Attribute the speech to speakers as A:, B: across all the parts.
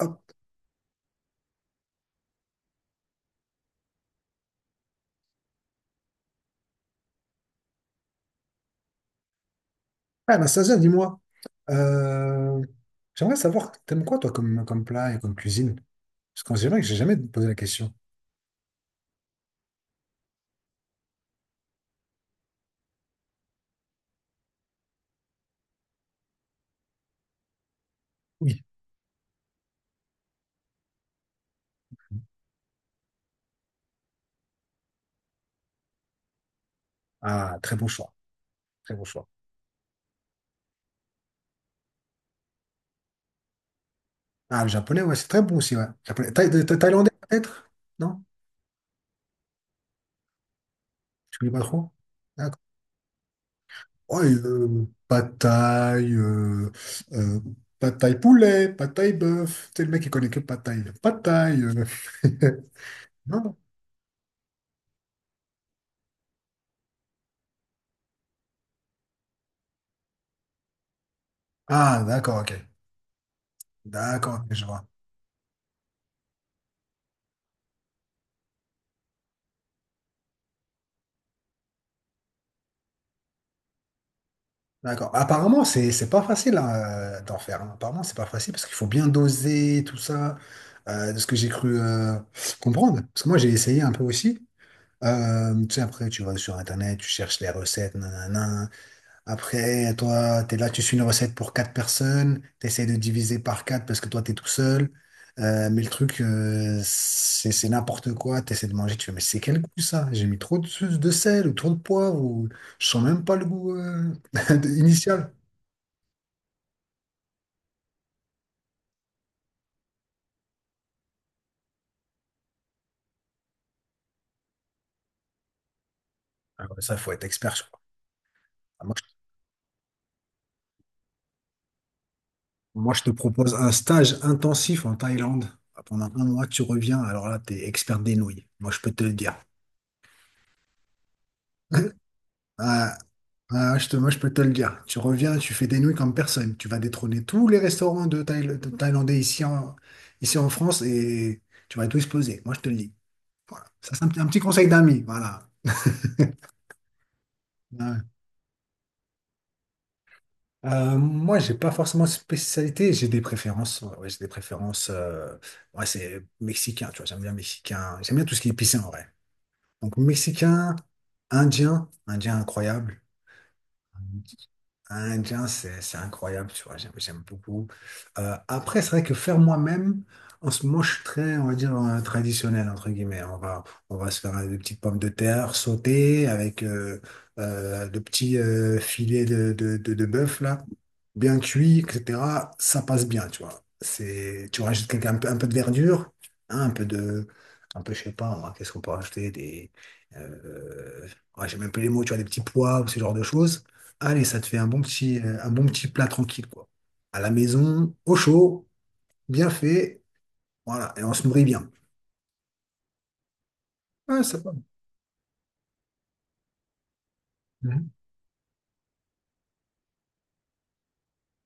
A: Hop. Ah, Anastasia, dis-moi, euh, j'aimerais savoir, t'aimes quoi toi comme plat et comme cuisine? Parce qu'on dirait que j'ai jamais posé la question. Oui. Ah, très bon choix, très bon choix. Ah, le japonais, ouais, c'est très bon aussi, ouais. Japonais. Thaïlandais peut-être? Non? Tu connais pas trop? D'accord. Ouais, euh, pad thaï poulet, pad thaï bœuf. Tu sais, le mec, il connaît que pad thaï. Pad thaï. Non, non. Ah, d'accord, ok. D'accord, ok, je vois. D'accord. Apparemment, c'est pas facile, hein, d'en faire. Hein. Apparemment, c'est pas facile parce qu'il faut bien doser tout ça, de ce que j'ai cru comprendre. Parce que moi, j'ai essayé un peu aussi. Tu sais, après, tu vas sur Internet, tu cherches les recettes, nanana. Après, toi, t'es là, tu suis une recette pour quatre personnes, t'essayes de diviser par quatre parce que toi, t'es tout seul. Mais le truc, c'est n'importe quoi. T'essaies de manger, tu fais, mais c'est quel goût ça? J'ai mis trop de sel ou trop de poivre ou je sens même pas le goût initial. Ah ouais, ça, faut être expert, je crois. Ah, moi, je te propose un stage intensif en Thaïlande. Pendant un mois, tu reviens. Alors là, t'es expert des nouilles. Moi, je peux te le dire. Ah, ah, moi, je peux te le dire. Tu reviens, tu fais des nouilles comme personne. Tu vas détrôner tous les restaurants de Thaïlandais ici en France et tu vas tout exploser. Moi, je te le dis. Voilà. Ça, c'est un petit conseil d'ami. Voilà. Ouais. Moi, j'ai pas forcément de spécialité, j'ai des préférences. Ouais, ouais, j'ai des préférences. Ouais, c'est mexicain, tu vois, j'aime bien mexicain. J'aime bien tout ce qui est épicé en vrai. Donc, mexicain, indien, indien incroyable. Indien, c'est incroyable, tu vois, j'aime beaucoup. Après, c'est vrai que faire moi-même, en ce moment, je suis très, on va dire, traditionnel, entre guillemets. On va se faire des petites pommes de terre sautées avec de petits filets de bœuf, là, bien cuits, etc. Ça passe bien, tu vois. C'est, tu rajoutes un peu de verdure, hein, un peu, je sais pas, moi, qu'est-ce qu'on peut rajouter, des, euh, ouais, j'ai même plus les mots, tu vois, des petits pois ou ce genre de choses. Allez, ça te fait un bon petit plat tranquille, quoi. À la maison, au chaud, bien fait, voilà, et on se nourrit bien. Ouais, ça va. Mhm.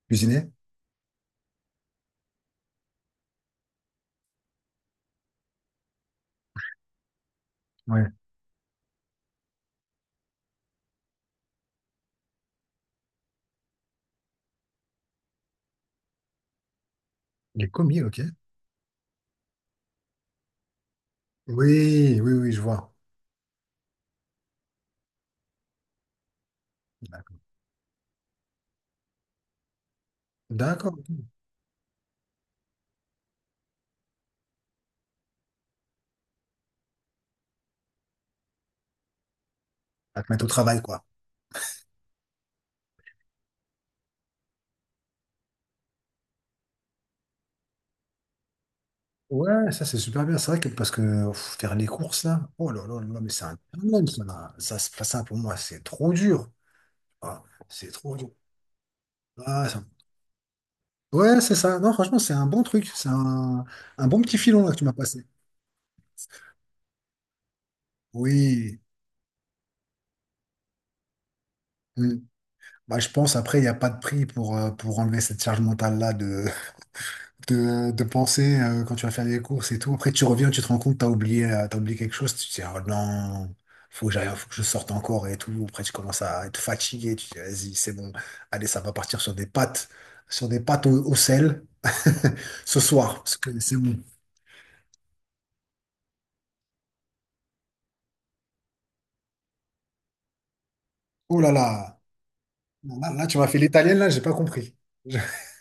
A: Cuisiner? Ouais. Les commis, ok. Oui, oui, oui, je vois. D'accord. D'accord. Ok. À te mettre au travail, quoi. Ouais, ça, c'est super bien. C'est vrai que parce que pff, faire les courses, là, oh là là là, mais c'est un problème, ça. Là. Ça, c'est pas ça pour moi, c'est trop dur. Ah, c'est trop dur. Ah, ouais, c'est ça. Non, franchement, c'est un bon truc. C'est un bon petit filon, là, que tu m'as passé. Oui. Mm. Bah, je pense, après, il n'y a pas de prix pour enlever cette charge mentale-là de, de penser quand tu vas faire des courses et tout. Après, tu reviens, tu te rends compte, t'as oublié quelque chose, tu te dis, oh non, faut que j'aille, faut que je sorte encore et tout. Après, tu commences à être fatigué, tu te dis, vas-y, c'est bon, allez, ça va partir sur des pâtes au sel ce soir, parce que c'est bon. Oh là là, là, là, tu m'as fait l'italienne, là, j'ai pas compris.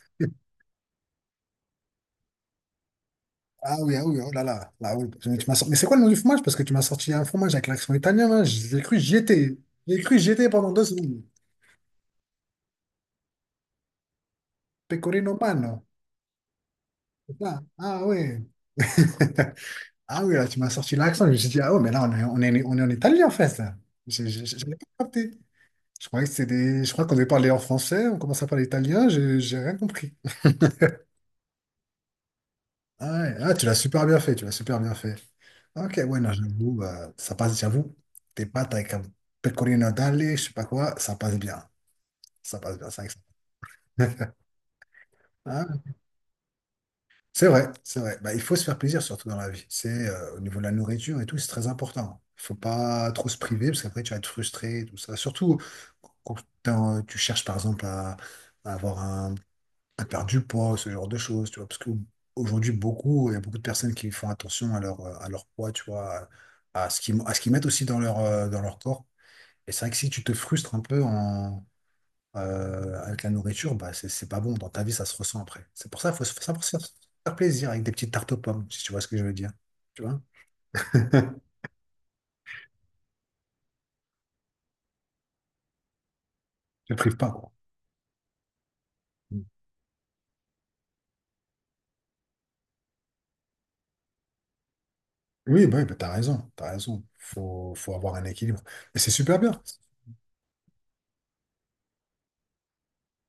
A: Ah oui, ah oui, oh là là, là oui. Mais c'est quoi le nom du fromage? Parce que tu m'as sorti un fromage avec l'accent italien, là. J'ai cru que j'y étais. J'ai cru que j'y étais pendant 2 secondes. Pecorino Pano. C'est ça. Ah oui. Ah oui, là, tu m'as sorti l'accent. Je me suis dit, ah ouais, mais là, on est en Italie, en fait. Là. J'avais pas capté. Je croyais que c'était des. Je crois qu'on devait parler en français, on commence à parler italien, j'ai rien compris. Ah, ouais. Ah, tu l'as super bien fait, tu l'as super bien fait. Ok, ouais, non, j'avoue, bah, ça passe, j'avoue. Tes pâtes avec un pecorino d'alle, je sais pas quoi, ça passe bien. Ça passe bien, 500. Ah, c'est vrai, c'est vrai. Bah, il faut se faire plaisir, surtout dans la vie. C'est au niveau de la nourriture et tout, c'est très important. Il faut pas trop se priver, parce qu'après, tu vas être frustré, et tout ça. Surtout quand tu cherches, par exemple, à avoir à perdre du poids, ce genre de choses, tu vois. Parce qu'aujourd'hui, il y a beaucoup de personnes qui font attention à leur poids, tu vois, à ce qu'ils mettent aussi dans leur corps. Et c'est vrai que si tu te frustres un peu avec la nourriture, bah, c'est pas bon. Dans ta vie, ça se ressent après. C'est pour ça qu'il faut, faut savoir se faire plaisir avec des petites tartes aux pommes, si tu vois ce que je veux dire. Tu vois? Je ne prive pas, quoi. Oui, bah, t'as raison, t'as raison. Faut avoir un équilibre. Et c'est super bien.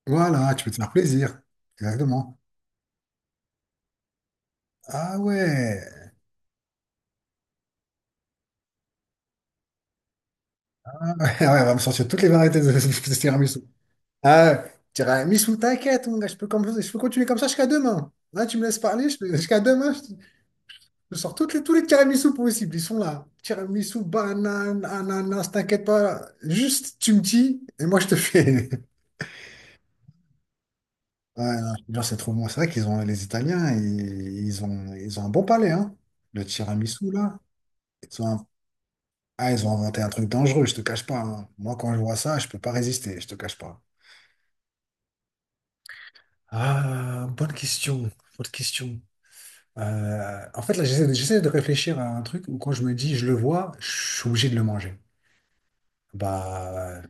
A: Voilà, tu peux te faire plaisir. Exactement. Ah ouais. Ah ouais, ouais, on va me sortir toutes les variétés de, de tiramisu. Ah, ouais, tiramisu, t'inquiète, mon gars, je peux continuer comme ça jusqu'à demain. Là, tu me laisses parler, jusqu'à demain. Je sors tous les tiramisu possibles, ils sont là. Tiramisu, banane, ananas, t'inquiète pas. Juste, tu me dis, et moi, je te fais. Ouais, non, je te jure, c'est trop bon. C'est vrai qu'ils ont, les Italiens, ils ont un bon palais, hein. Le tiramisu, là. Ils ont, un- ils ont inventé un truc dangereux, je te cache pas. Hein. Moi, quand je vois ça, je peux pas résister, je te cache pas. Ah, bonne question, bonne question. En fait, là, j'essaie de réfléchir à un truc où quand je me dis, je le vois, je suis obligé de le manger. Bah,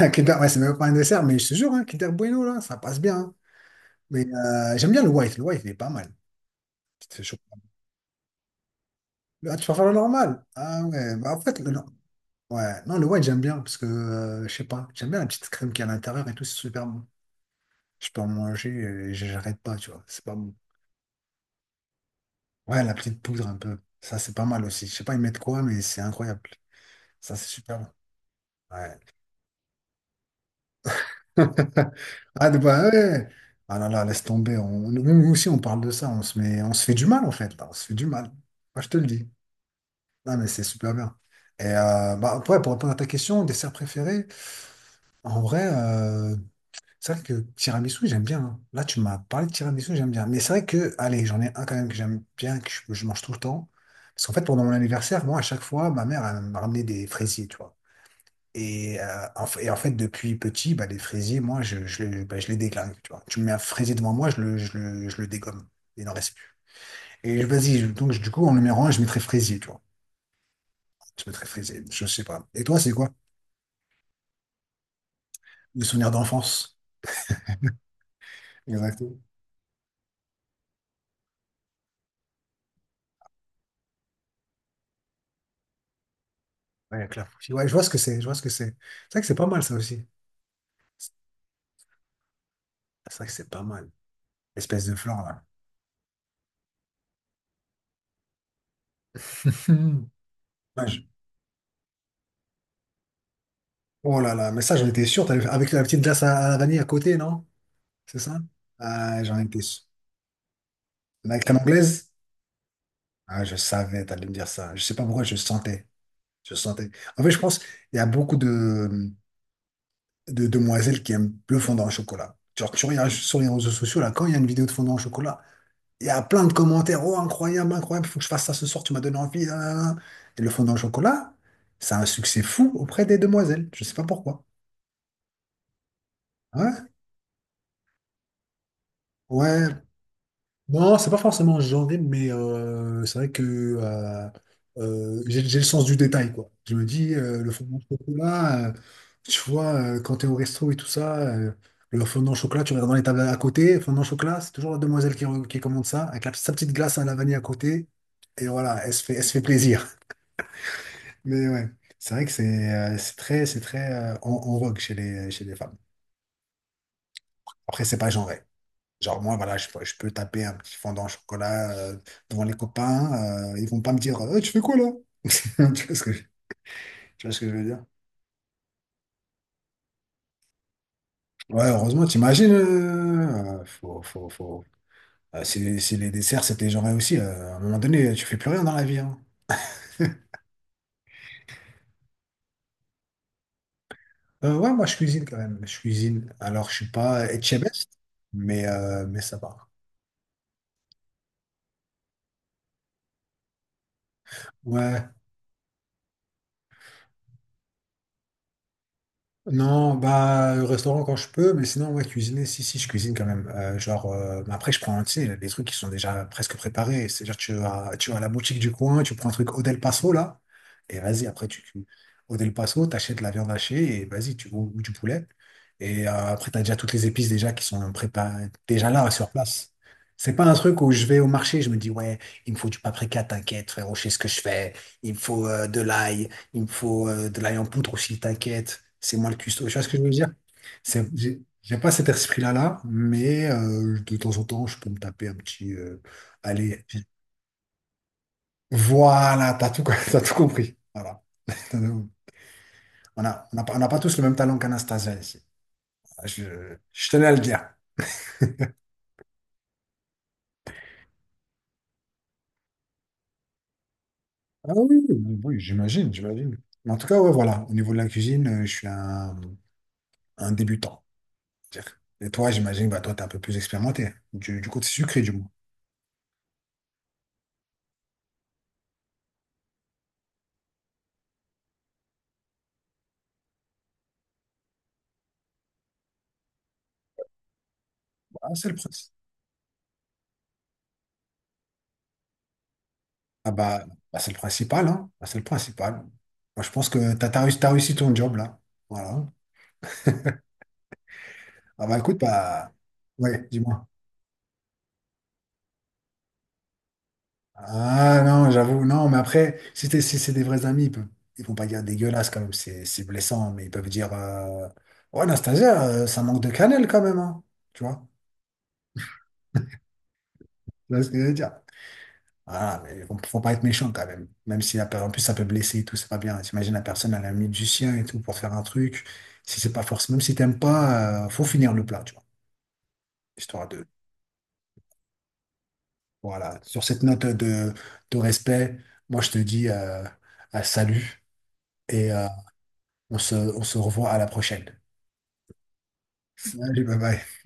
A: un Kinder, ouais, c'est même pas un dessert, mais je te jure, hein, Kinder Bueno, là, ça passe bien. Hein. Mais j'aime bien le white. Le white, il est pas mal. Petite chocolat. Ah, tu préfères le normal? Ah ouais, bah en fait, le, nor- ouais. Non, le white, j'aime bien parce que, je sais pas, j'aime bien la petite crème qui est à l'intérieur et tout, c'est super bon. Je peux en manger et j'arrête pas, tu vois, c'est pas bon. Ouais, la petite poudre un peu, ça, c'est pas mal aussi. Je sais pas, ils mettent quoi, mais c'est incroyable. Ça, c'est super bon. Ouais. Ah, bah ouais. Ah là là, laisse tomber. Nous aussi, on parle de ça. On se fait du mal, en fait. Là. On se fait du mal. Moi, je te le dis. Non, mais c'est super bien. Et bah, ouais, pour répondre à ta question, dessert préféré, en vrai, c'est vrai que tiramisu, j'aime bien. Hein. Là, tu m'as parlé de tiramisu, j'aime bien. Mais c'est vrai que, allez, j'en ai un quand même que j'aime bien, que je mange tout le temps. Parce qu'en fait, pendant mon anniversaire, moi, à chaque fois, ma mère, elle me ramenait des fraisiers, tu vois. Et en fait, depuis petit, bah, les fraisiers, moi, je les déglingue. Tu vois. Tu me mets un fraisier devant moi, je le dégomme. Il n'en reste plus. Donc du coup, en numéro un, je mettrais fraisier, tu vois. Je mettrais fraisier, je sais pas. Et toi, c'est quoi? Le souvenir d'enfance. Exactement. Ouais, avec la faucille. Ouais, je vois ce que c'est, je vois ce que c'est. C'est vrai que c'est pas mal, ça aussi. C'est vrai que c'est pas mal. L'espèce de flan, là. Ouais, oh là là, mais ça, j'en étais sûr. Avec la petite glace à la vanille à côté, non? C'est ça? Ah, j'en étais sûr. Avec ta anglaise? Ah, je savais, t'allais me dire ça. Je sais pas pourquoi, je sentais. Je sentais. En fait, je pense il y a beaucoup de demoiselles qui aiment le fondant au chocolat. Genre, tu regardes sur les réseaux sociaux, là, quand il y a une vidéo de fondant au chocolat, il y a plein de commentaires. Oh, incroyable, incroyable, faut que je fasse ça ce soir, tu m'as donné envie. Nan, nan, nan. Et le fondant au chocolat, ça a un succès fou auprès des demoiselles. Je sais pas pourquoi. Ouais, ouais, non, c'est pas forcément genré, mais c'est vrai que j'ai le sens du détail, quoi. Je me dis, le fondant au chocolat, tu vois, quand t'es au resto et tout ça, le fondant au chocolat, tu regardes dans les tables à côté, fondant au chocolat, c'est toujours la demoiselle qui commande ça, avec sa petite glace à la vanille à côté, et voilà, elle se fait plaisir. Mais ouais, c'est vrai que c'est c'est très en vogue chez chez les femmes. Après, c'est pas genré. Genre, moi, voilà, je peux taper un petit fondant au chocolat devant les copains. Ils vont pas me dire, eh, tu fais quoi là? Tu vois ce que, je- tu vois ce que je veux dire? Ouais, heureusement, t'imagines. Faut... si les desserts, c'était genre aussi, à un moment donné, tu fais plus rien dans la vie, hein. Ouais, moi, je cuisine quand même. Je cuisine. Alors, je suis pas chef, mais ça va. Ouais, non, bah, le restaurant quand je peux, mais sinon, ouais, cuisiner, si, je cuisine quand même. Genre, mais après, je prends, tu sais, les trucs qui sont déjà presque préparés. C'est-à-dire, tu vas à la boutique du coin, tu prends un truc au Del Paso, là, et vas-y, après, au Del Paso, t'achètes de la viande hachée, et vas-y, ou du poulet. Et après, t'as déjà toutes les épices déjà qui sont préparées, déjà là, sur place. C'est pas un truc où je vais au marché, je me dis, ouais, il me faut du paprika, t'inquiète, frérot, je sais ce que je fais. Il me faut de l'ail. Il me faut de l'ail en poudre aussi, t'inquiète, c'est moi le cuistot. Tu vois ce que je veux dire? J'ai pas cet esprit-là, là, mais de temps en temps, je peux me taper un petit. Allez, voilà, t'as tout, t'as tout compris. Voilà. On on a, pas on n'a pas tous le même talent qu'Anastasia ici. Ah, je tenais à le dire. Ah oui, oui, oui, j'imagine, j'imagine. Mais en tout cas, ouais, voilà. Au niveau de la cuisine, je suis un débutant, on va dire. Et toi, j'imagine, bah, toi, t'es un peu plus expérimenté. Du côté sucré, du moins. Bah, c'est le principe. Ah bah, bah, c'est le principal, hein. Bah, c'est le principal. Moi, je pense que t'as réussi ton job, là. Voilà. Ah bah écoute, bah ouais, dis-moi. Ah non, j'avoue, non, mais après, si, si c'est des vrais amis, ils peuvent, ils vont pas dire dégueulasse quand même, c'est blessant, mais ils peuvent dire ouais, Anastasia, ça manque de cannelle quand même, hein. Tu vois? Tu vois ce que je veux dire? Voilà, mais faut pas être méchant quand même. Même si en plus ça peut blesser et tout, c'est pas bien. T'imagines la personne, elle a mis du sien et tout pour faire un truc. Si c'est pas forcément, même si t'aimes pas, faut finir le plat, tu vois. Histoire de, voilà, sur cette note de respect, moi je te dis à salut et on se revoit à la prochaine. Salut, bye bye.